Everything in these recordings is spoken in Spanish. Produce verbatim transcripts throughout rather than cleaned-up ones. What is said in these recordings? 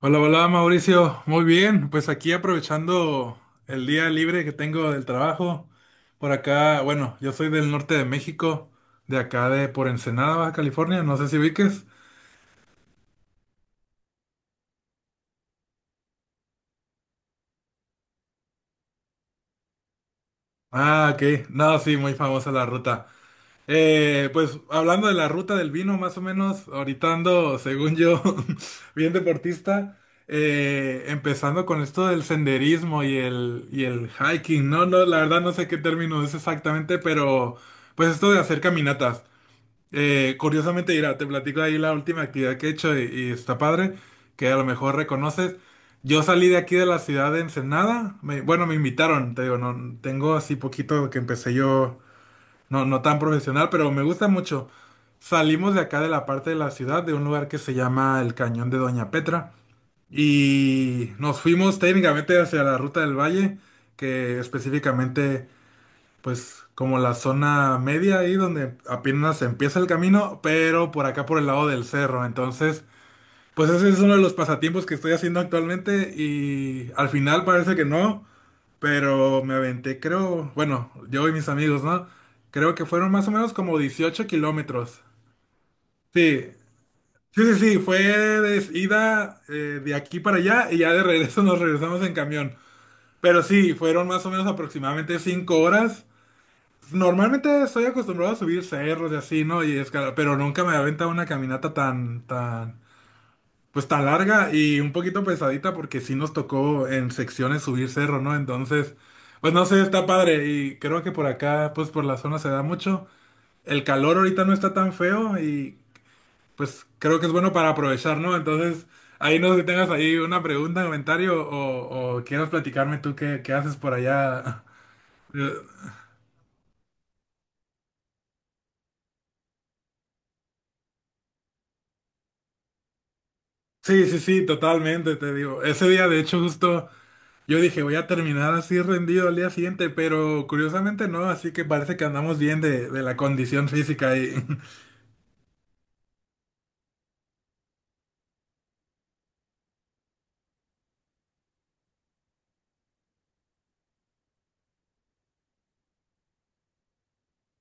Hola, hola Mauricio, muy bien, pues aquí aprovechando el día libre que tengo del trabajo, por acá, bueno, yo soy del norte de México, de acá de por Ensenada, Baja California, no sé si ubiques. Ah, ok, no, sí, muy famosa la ruta. Eh, pues hablando de la ruta del vino, más o menos, ahorita ando, según yo, bien deportista, eh, empezando con esto del senderismo y el, y el hiking, ¿no? No, la verdad no sé qué término es exactamente, pero pues esto de hacer caminatas. Eh, curiosamente, mira, te platico ahí la última actividad que he hecho y, y está padre, que a lo mejor reconoces. Yo salí de aquí de la ciudad de Ensenada, me- bueno, me invitaron, te digo, no, tengo así poquito que empecé yo no, no tan profesional, pero me gusta mucho. Salimos de acá de la parte de la ciudad, de un lugar que se llama el Cañón de Doña Petra, y nos fuimos técnicamente hacia la Ruta del Valle, que específicamente, pues, como la zona media ahí donde apenas empieza el camino, pero por acá por el lado del cerro. Entonces, pues ese es uno de los pasatiempos que estoy haciendo actualmente y al final parece que no. Pero me aventé, creo, bueno, yo y mis amigos, ¿no? Creo que fueron más o menos como 18 kilómetros. Sí, sí, sí, sí, fue de ida, eh, de aquí para allá, y ya de regreso nos regresamos en camión. Pero sí, fueron más o menos aproximadamente cinco horas. Normalmente estoy acostumbrado a subir cerros y así, ¿no? Y escalar, pero nunca me había aventado una caminata tan, tan, pues tan larga y un poquito pesadita porque sí nos tocó en secciones subir cerro, ¿no? Entonces, pues no sé, está padre y creo que por acá, pues por la zona se da mucho. El calor ahorita no está tan feo y pues creo que es bueno para aprovechar, ¿no? Entonces, ahí no sé si tengas ahí una pregunta, comentario o, o quieras platicarme tú qué, qué haces por allá. Sí, sí, sí, totalmente, te digo. Ese día, de hecho, justo yo dije, voy a terminar así rendido al día siguiente, pero curiosamente no, así que parece que andamos bien de, de la condición física. Y...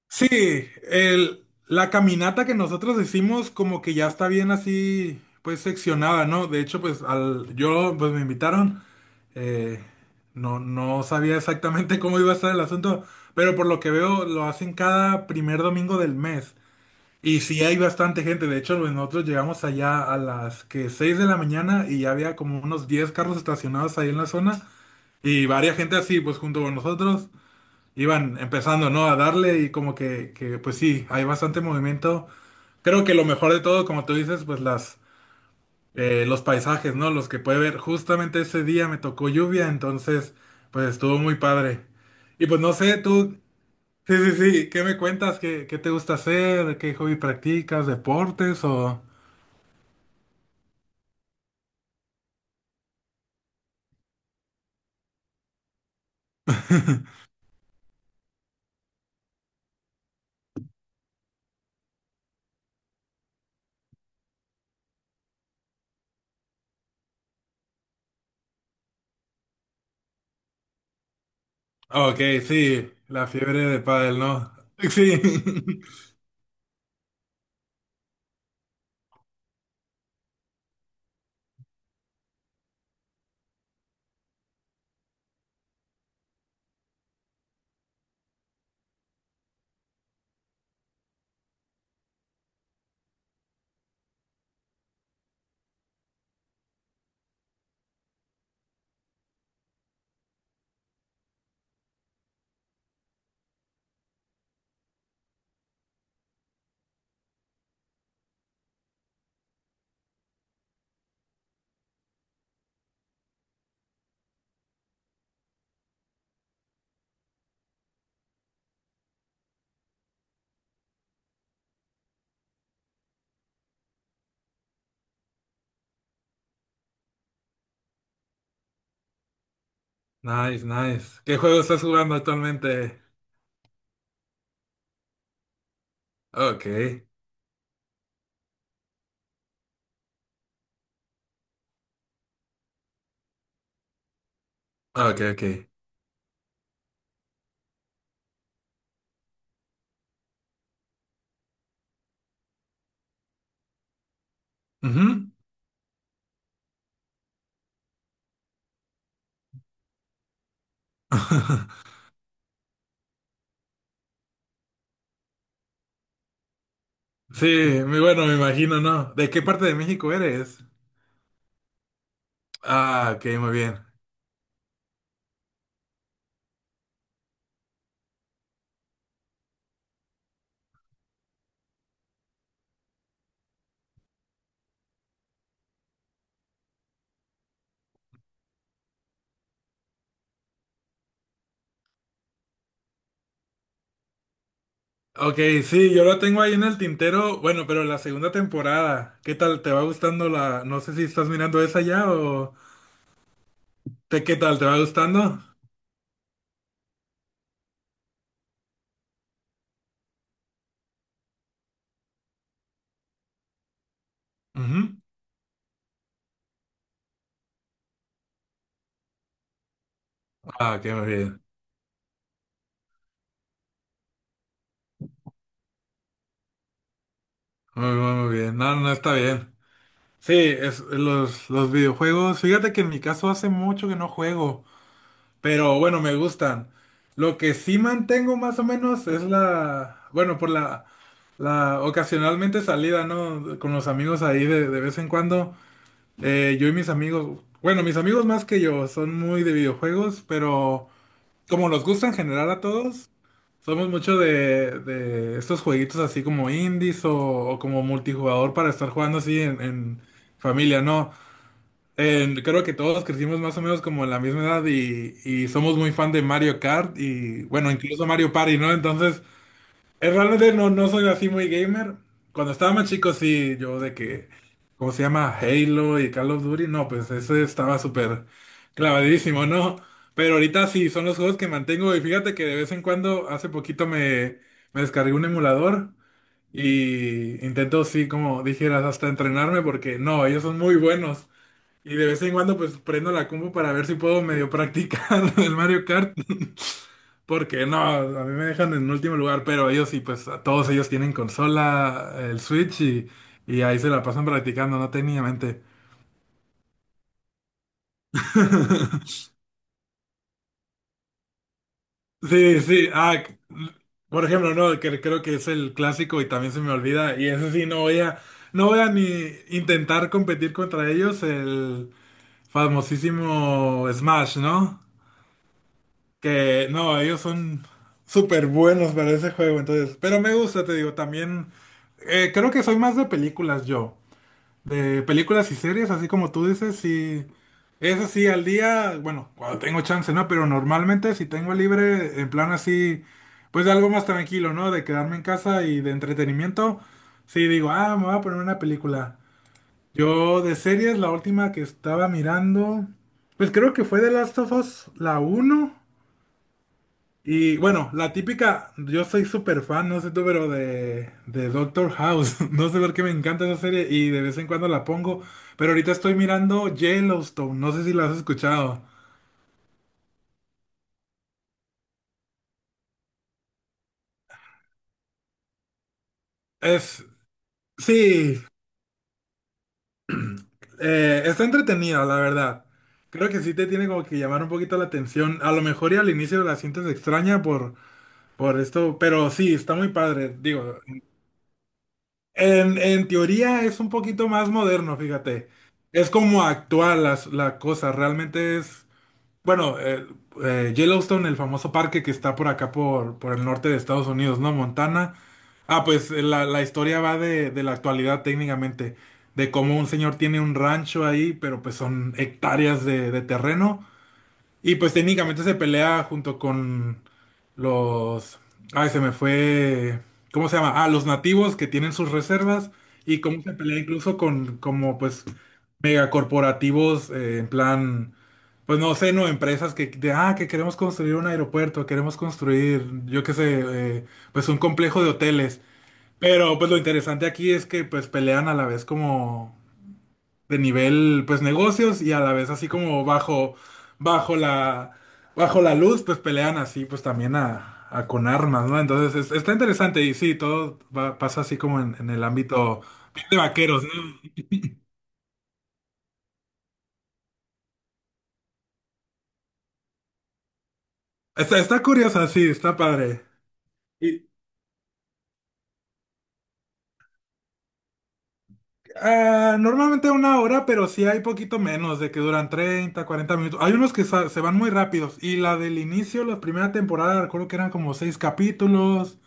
Sí, el, la caminata que nosotros hicimos como que ya está bien así, pues seccionada, ¿no? De hecho, pues al, yo, pues me invitaron, eh, no, no sabía exactamente cómo iba a estar el asunto, pero por lo que veo lo hacen cada primer domingo del mes. Y sí hay bastante gente, de hecho pues, nosotros llegamos allá a las que seis de la mañana y ya había como unos diez carros estacionados ahí en la zona y varias gente así pues junto con nosotros iban empezando, ¿no? A darle y como que, que pues sí, hay bastante movimiento. Creo que lo mejor de todo, como tú dices, pues las, eh, los paisajes, ¿no? Los que puede ver. Justamente ese día me tocó lluvia, entonces pues estuvo muy padre. Y pues no sé, tú... Sí, sí, sí. ¿Qué me cuentas? ¿Qué, qué te gusta hacer? ¿Qué hobby practicas? ¿Deportes o...? Ok, sí, la fiebre de pádel, ¿no? Sí. Nice, nice. ¿Qué juego estás jugando actualmente? Ok, ok, ok. Ujú. Sí, muy bueno, me imagino, ¿no? ¿De qué parte de México eres? Ah, ok, muy bien. Ok, sí, yo lo tengo ahí en el tintero, bueno, pero la segunda temporada, ¿qué tal? ¿Te va gustando la... No sé si estás mirando esa ya o... ¿Te, ¿qué tal? ¿Te va gustando? Ujú. Ah, ok, muy bien. Muy, muy, muy bien. No, no está bien. Sí, es, los, los videojuegos. Fíjate que en mi caso hace mucho que no juego, pero bueno, me gustan. Lo que sí mantengo más o menos es la, bueno, por la, la ocasionalmente salida, ¿no? Con los amigos ahí de, de vez en cuando. Eh, yo y mis amigos, bueno, mis amigos más que yo son muy de videojuegos, pero como nos gusta en general a todos, somos mucho de, de estos jueguitos así como indies o, o como multijugador para estar jugando así en en familia, ¿no? Eh, creo que todos crecimos más o menos como en la misma edad y, y somos muy fan de Mario Kart y bueno, incluso Mario Party, ¿no? Entonces, eh, realmente no, no soy así muy gamer. Cuando estaba más chico, sí, yo de que, ¿cómo se llama? Halo y Call of Duty, no, pues ese estaba súper clavadísimo, ¿no? Pero ahorita sí, son los juegos que mantengo y fíjate que de vez en cuando, hace poquito me, me descargué un emulador y intento, sí, como dijeras, hasta entrenarme porque no, ellos son muy buenos. Y de vez en cuando pues prendo la compu para ver si puedo medio practicar el Mario Kart. Porque no, a mí me dejan en último lugar, pero ellos sí, pues a todos ellos tienen consola, el Switch y, y ahí se la pasan practicando, no técnicamente. Sí, sí, ah, c- por ejemplo, no, que creo que es el clásico y también se me olvida. Y eso sí, no voy a, no voy a ni intentar competir contra ellos, el famosísimo Smash, ¿no? Que no, ellos son súper buenos para ese juego, entonces. Pero me gusta, te digo, también. eh, creo que soy más de películas yo. De películas y series, así como tú dices, sí. Eso sí, al día, bueno, cuando tengo chance, ¿no? Pero normalmente si tengo libre, en plan así, pues de algo más tranquilo, ¿no? De quedarme en casa y de entretenimiento, sí digo, ah, me voy a poner una película. Yo de series, la última que estaba mirando, pues creo que fue The Last of Us, la uno y bueno, la típica, yo soy súper fan, no sé tú, pero de, de Doctor House. No sé por qué me encanta esa serie y de vez en cuando la pongo. Pero ahorita estoy mirando Yellowstone, no sé si la has escuchado. Es, sí, eh, está entretenida, la verdad. Creo que sí te tiene como que llamar un poquito la atención. A lo mejor y al inicio la sientes extraña por, por esto, pero sí, está muy padre. Digo, En, en teoría es un poquito más moderno, fíjate. Es como actual las- la, cosa. Realmente es, bueno, eh, eh, Yellowstone, el famoso parque que está por acá, por, por el norte de Estados Unidos, ¿no? Montana. Ah, pues eh, la, la historia va de, de la actualidad técnicamente, de cómo un señor tiene un rancho ahí, pero pues son hectáreas de, de terreno. Y pues técnicamente se pelea junto con los... Ay, se me fue... ¿Cómo se llama? Ah, los nativos que tienen sus reservas y cómo se pelea incluso con como pues megacorporativos, eh, en plan... Pues no sé, no, empresas que, de, ah, que queremos construir un aeropuerto, queremos construir, yo qué sé, eh, pues un complejo de hoteles. Pero pues lo interesante aquí es que pues pelean a la vez como de nivel, pues negocios, y a la vez así como bajo, bajo la, bajo la luz, pues pelean así, pues también a, a con armas, ¿no? Entonces es- está interesante y sí, todo va- pasa así como en, en el ámbito de vaqueros, ¿no? Está, está curiosa, sí, está padre. Y, ah, normalmente una hora, pero sí hay poquito menos, de que duran treinta cuarenta minutos. Hay unos que sa- se van muy rápidos. Y la del inicio, la primera temporada, recuerdo que eran como seis capítulos.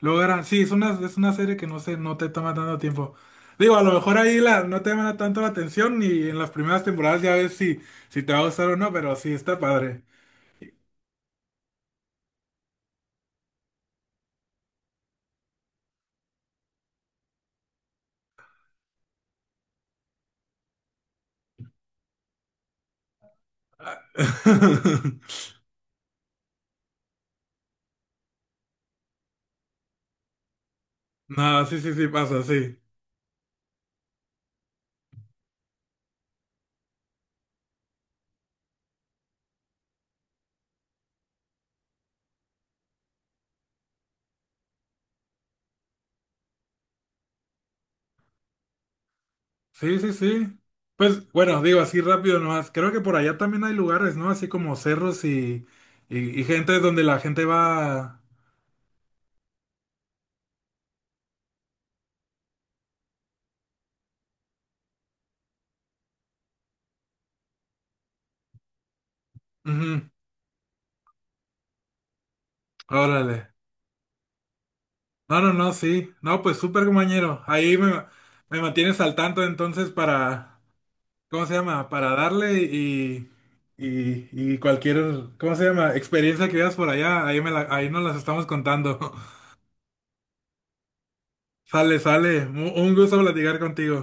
Luego era, sí, es una, es una, serie que no sé, no te toma tanto tiempo. Digo, a lo mejor ahí la, no te llama tanto la atención y en las primeras temporadas ya ves si, si te va a gustar o no, pero sí, está padre. No, sí, sí, sí, pasa, sí. Sí, sí, sí. Pues bueno, digo así rápido nomás. Creo que por allá también hay lugares, ¿no? Así como cerros y, y, y, gente donde la gente va. Ujú. Órale. No, no, no, sí. No, pues súper compañero. Ahí me, me, mantienes al tanto entonces para. ¿Cómo se llama? Para darle y, y, y cualquier, ¿cómo se llama? Experiencia que veas por allá, ahí, me la- ahí nos las estamos contando. Sale, sale. Mu- Un gusto platicar contigo.